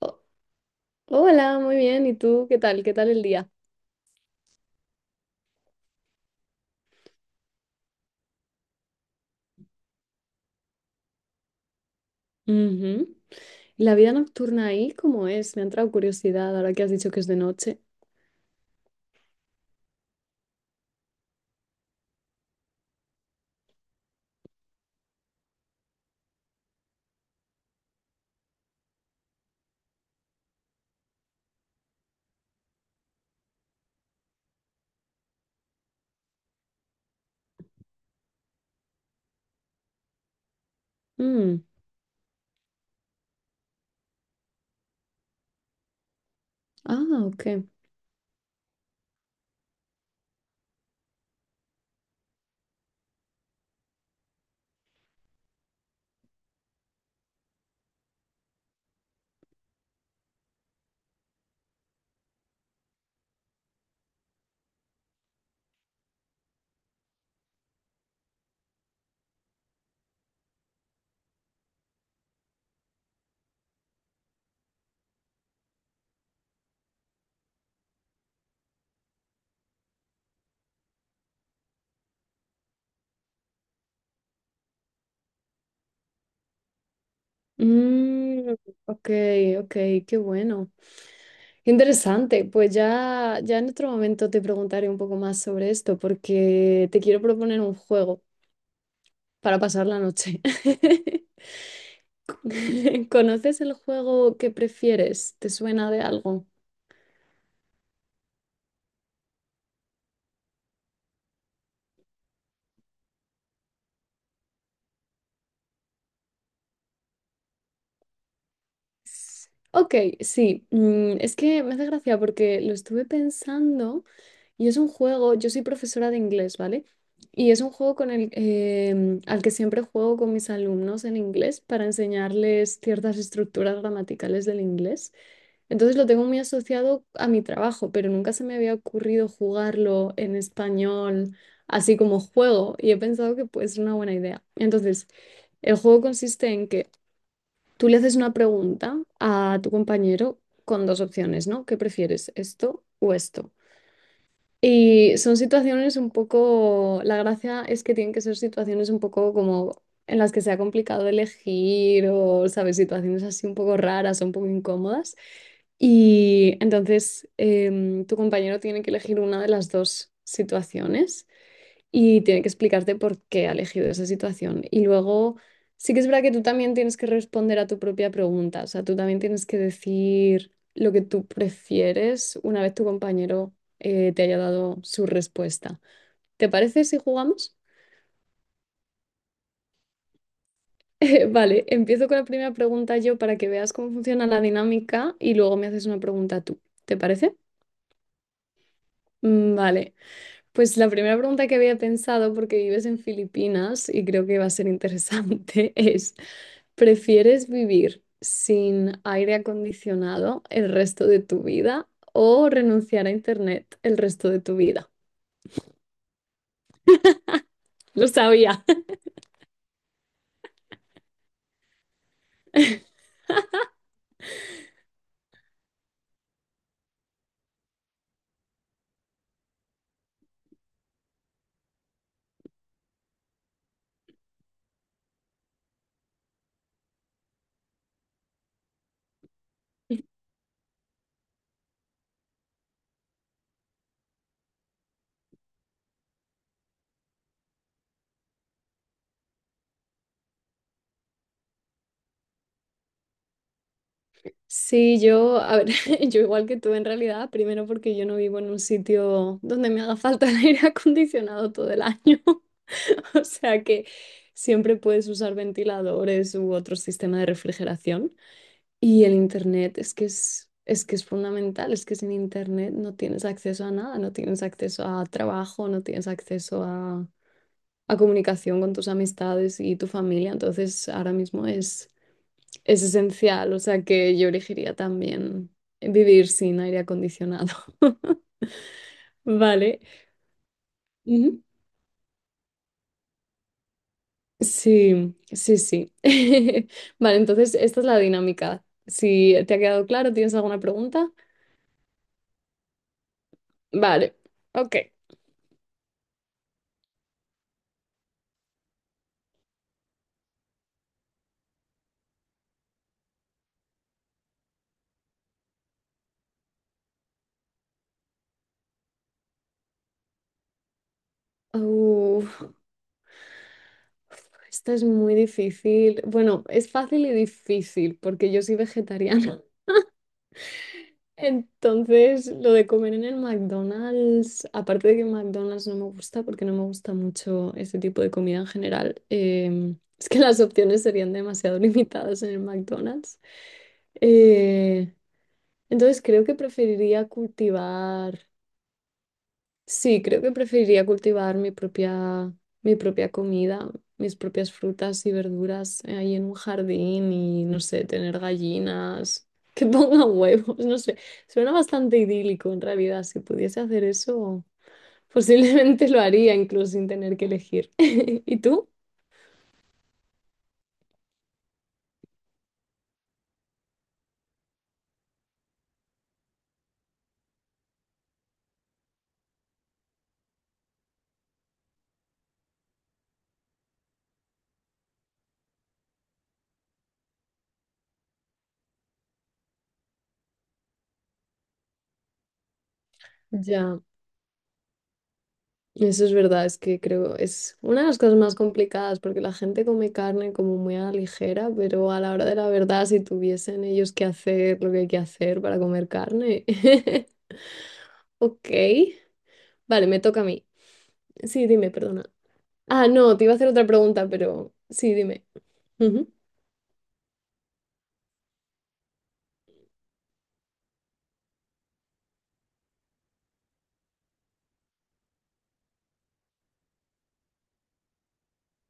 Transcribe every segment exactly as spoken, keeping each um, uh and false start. Oh, hola, muy bien. ¿Y tú qué tal? ¿Qué tal el día? Ujú. ¿La vida nocturna ahí cómo es? Me ha entrado curiosidad ahora que has dicho que es de noche. Mm, Ah, ok. Mm, ok, ok, qué bueno. Qué interesante. Pues ya, ya en otro momento te preguntaré un poco más sobre esto porque te quiero proponer un juego para pasar la noche. ¿Conoces el juego que prefieres? ¿Te suena de algo? Ok, sí, mm, es que me hace gracia porque lo estuve pensando y es un juego, yo soy profesora de inglés, ¿vale? Y es un juego con el, em, al que siempre juego con mis alumnos en inglés para enseñarles ciertas estructuras gramaticales del inglés. Entonces lo tengo muy asociado a mi trabajo, pero nunca se me había ocurrido jugarlo en español así como juego y he pensado que puede ser una buena idea. Entonces, el juego consiste en que tú le haces una pregunta a tu compañero con dos opciones, ¿no? ¿Qué prefieres, esto o esto? Y son situaciones un poco, la gracia es que tienen que ser situaciones un poco como en las que sea complicado elegir o, ¿sabes? Situaciones así un poco raras o un poco incómodas. Y entonces em, tu compañero tiene que elegir una de las dos situaciones y tiene que explicarte por qué ha elegido esa situación. Y luego, sí que es verdad que tú también tienes que responder a tu propia pregunta, o sea, tú también tienes que decir lo que tú prefieres una vez tu compañero eh, te haya dado su respuesta. ¿Te parece si jugamos? Eh, vale, empiezo con la primera pregunta yo para que veas cómo funciona la dinámica y luego me haces una pregunta tú. ¿Te parece? Mm, Vale, pues la primera pregunta que había pensado, porque vives en Filipinas y creo que va a ser interesante, es, ¿prefieres vivir sin aire acondicionado el resto de tu vida o renunciar a internet el resto de tu vida? Lo sabía. Sí, yo, a ver, yo igual que tú en realidad, primero porque yo no vivo en un sitio donde me haga falta el aire acondicionado todo el año, o sea que siempre puedes usar ventiladores u otro sistema de refrigeración. Y el internet es que es, es que es fundamental, es que sin internet no tienes acceso a nada, no tienes acceso a trabajo, no tienes acceso a, a comunicación con tus amistades y tu familia. Entonces ahora mismo es, es esencial, o sea que yo elegiría también vivir sin aire acondicionado. Vale. Ujú. Sí, sí, sí. Vale, entonces esta es la dinámica. Si te ha quedado claro, ¿tienes alguna pregunta? Vale, ok. Uh, esto es muy difícil. Bueno, es fácil y difícil porque yo soy vegetariana. Entonces, lo de comer en el McDonald's, aparte de que McDonald's no me gusta porque no me gusta mucho ese tipo de comida en general, em, es que las opciones serían demasiado limitadas en el McDonald's. Eh, entonces, creo que preferiría cultivar. Sí, creo que preferiría cultivar mi propia, mi propia comida, mis propias frutas y verduras eh, ahí en un jardín y, no sé, tener gallinas que pongan huevos, no sé. Suena bastante idílico en realidad. Si pudiese hacer eso, posiblemente lo haría incluso sin tener que elegir. ¿Y tú? Ya. Eso es verdad, es que creo es una de las cosas más complicadas porque la gente come carne como muy a la ligera, pero a la hora de la verdad, si tuviesen ellos que hacer lo que hay que hacer para comer carne. Ok, vale, me toca a mí. Sí, dime, perdona. Ah, no, te iba a hacer otra pregunta, pero sí, dime. Ujú.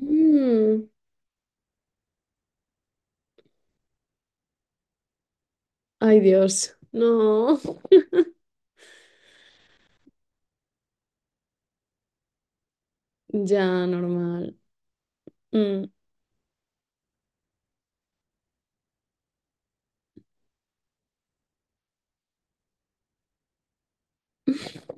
Mm, ay, Dios, no. Ya, normal. Mm.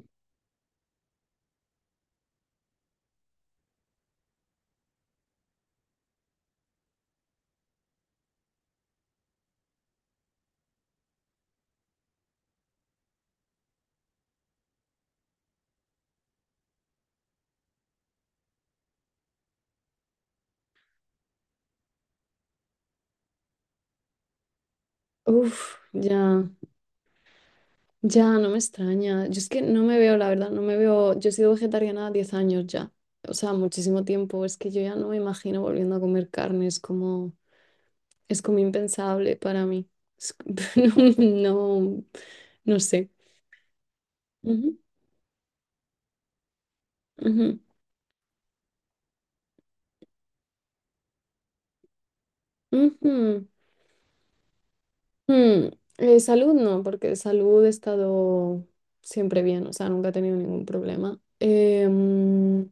Uf, ya. Ya, no me extraña. Yo es que no me veo, la verdad, no me veo. Yo he sido vegetariana diez años ya. O sea, muchísimo tiempo. Es que yo ya no me imagino volviendo a comer carne. Es como, es como impensable para mí. Es c- no, no, no sé. Ujú, ujú, ujú. Mm, eh, salud no, porque de salud he estado siempre bien. O sea, nunca he tenido ningún problema. Em,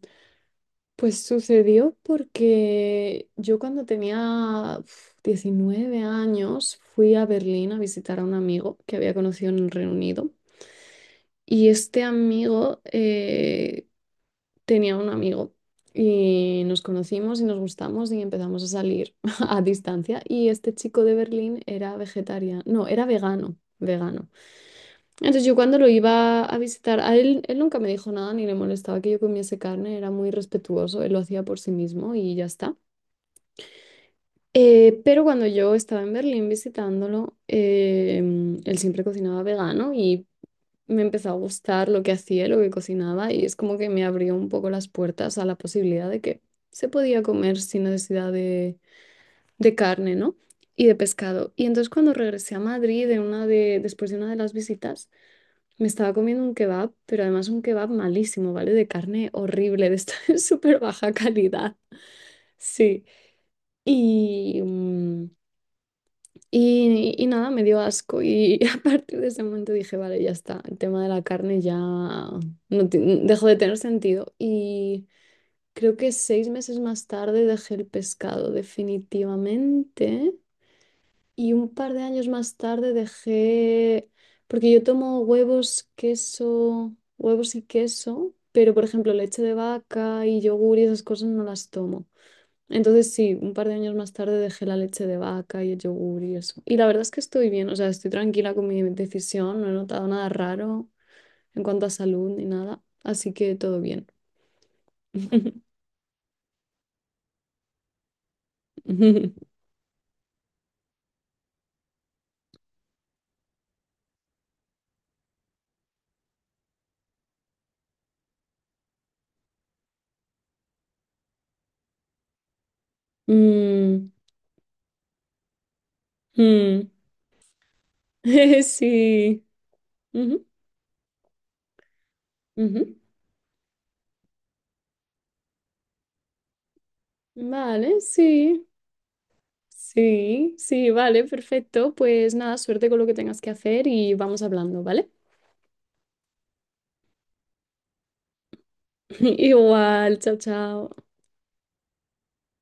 Pues sucedió porque yo cuando tenía uf, diecinueve años fui a Berlín a visitar a un amigo que había conocido en el Reino Unido y este amigo eh, tenía un amigo y nos conocimos y nos gustamos y empezamos a salir a distancia y este chico de Berlín era vegetariano, no, era vegano, vegano. Entonces yo cuando lo iba a visitar, a él, él nunca me dijo nada ni le molestaba que yo comiese carne, era muy respetuoso, él lo hacía por sí mismo y ya está. Eh, pero cuando yo estaba en Berlín visitándolo, eh, él siempre cocinaba vegano y me empezó a gustar lo que hacía, lo que cocinaba y es como que me abrió un poco las puertas a la posibilidad de que se podía comer sin necesidad de, de carne, ¿no? Y de pescado. Y entonces cuando regresé a Madrid de una de, después de una de las visitas, me estaba comiendo un kebab, pero además un kebab malísimo, ¿vale? De carne horrible, de esta súper baja calidad. Sí. Y... mm, Y, y nada, me dio asco y a partir de ese momento dije, vale, ya está, el tema de la carne ya no ti- dejó de tener sentido. Y creo que seis meses más tarde dejé el pescado definitivamente y un par de años más tarde dejé, porque yo tomo huevos, queso, huevos y queso, pero por ejemplo leche de vaca y yogur y esas cosas no las tomo. Entonces sí, un par de años más tarde dejé la leche de vaca y el yogur y eso. Y la verdad es que estoy bien, o sea, estoy tranquila con mi decisión, no he notado nada raro en cuanto a salud ni nada, así que todo bien. Mm, mm. Sí. Ujú, ujú. Vale, sí. Sí, sí, vale, perfecto. Pues nada, suerte con lo que tengas que hacer y vamos hablando, ¿vale? Igual, chao, chao.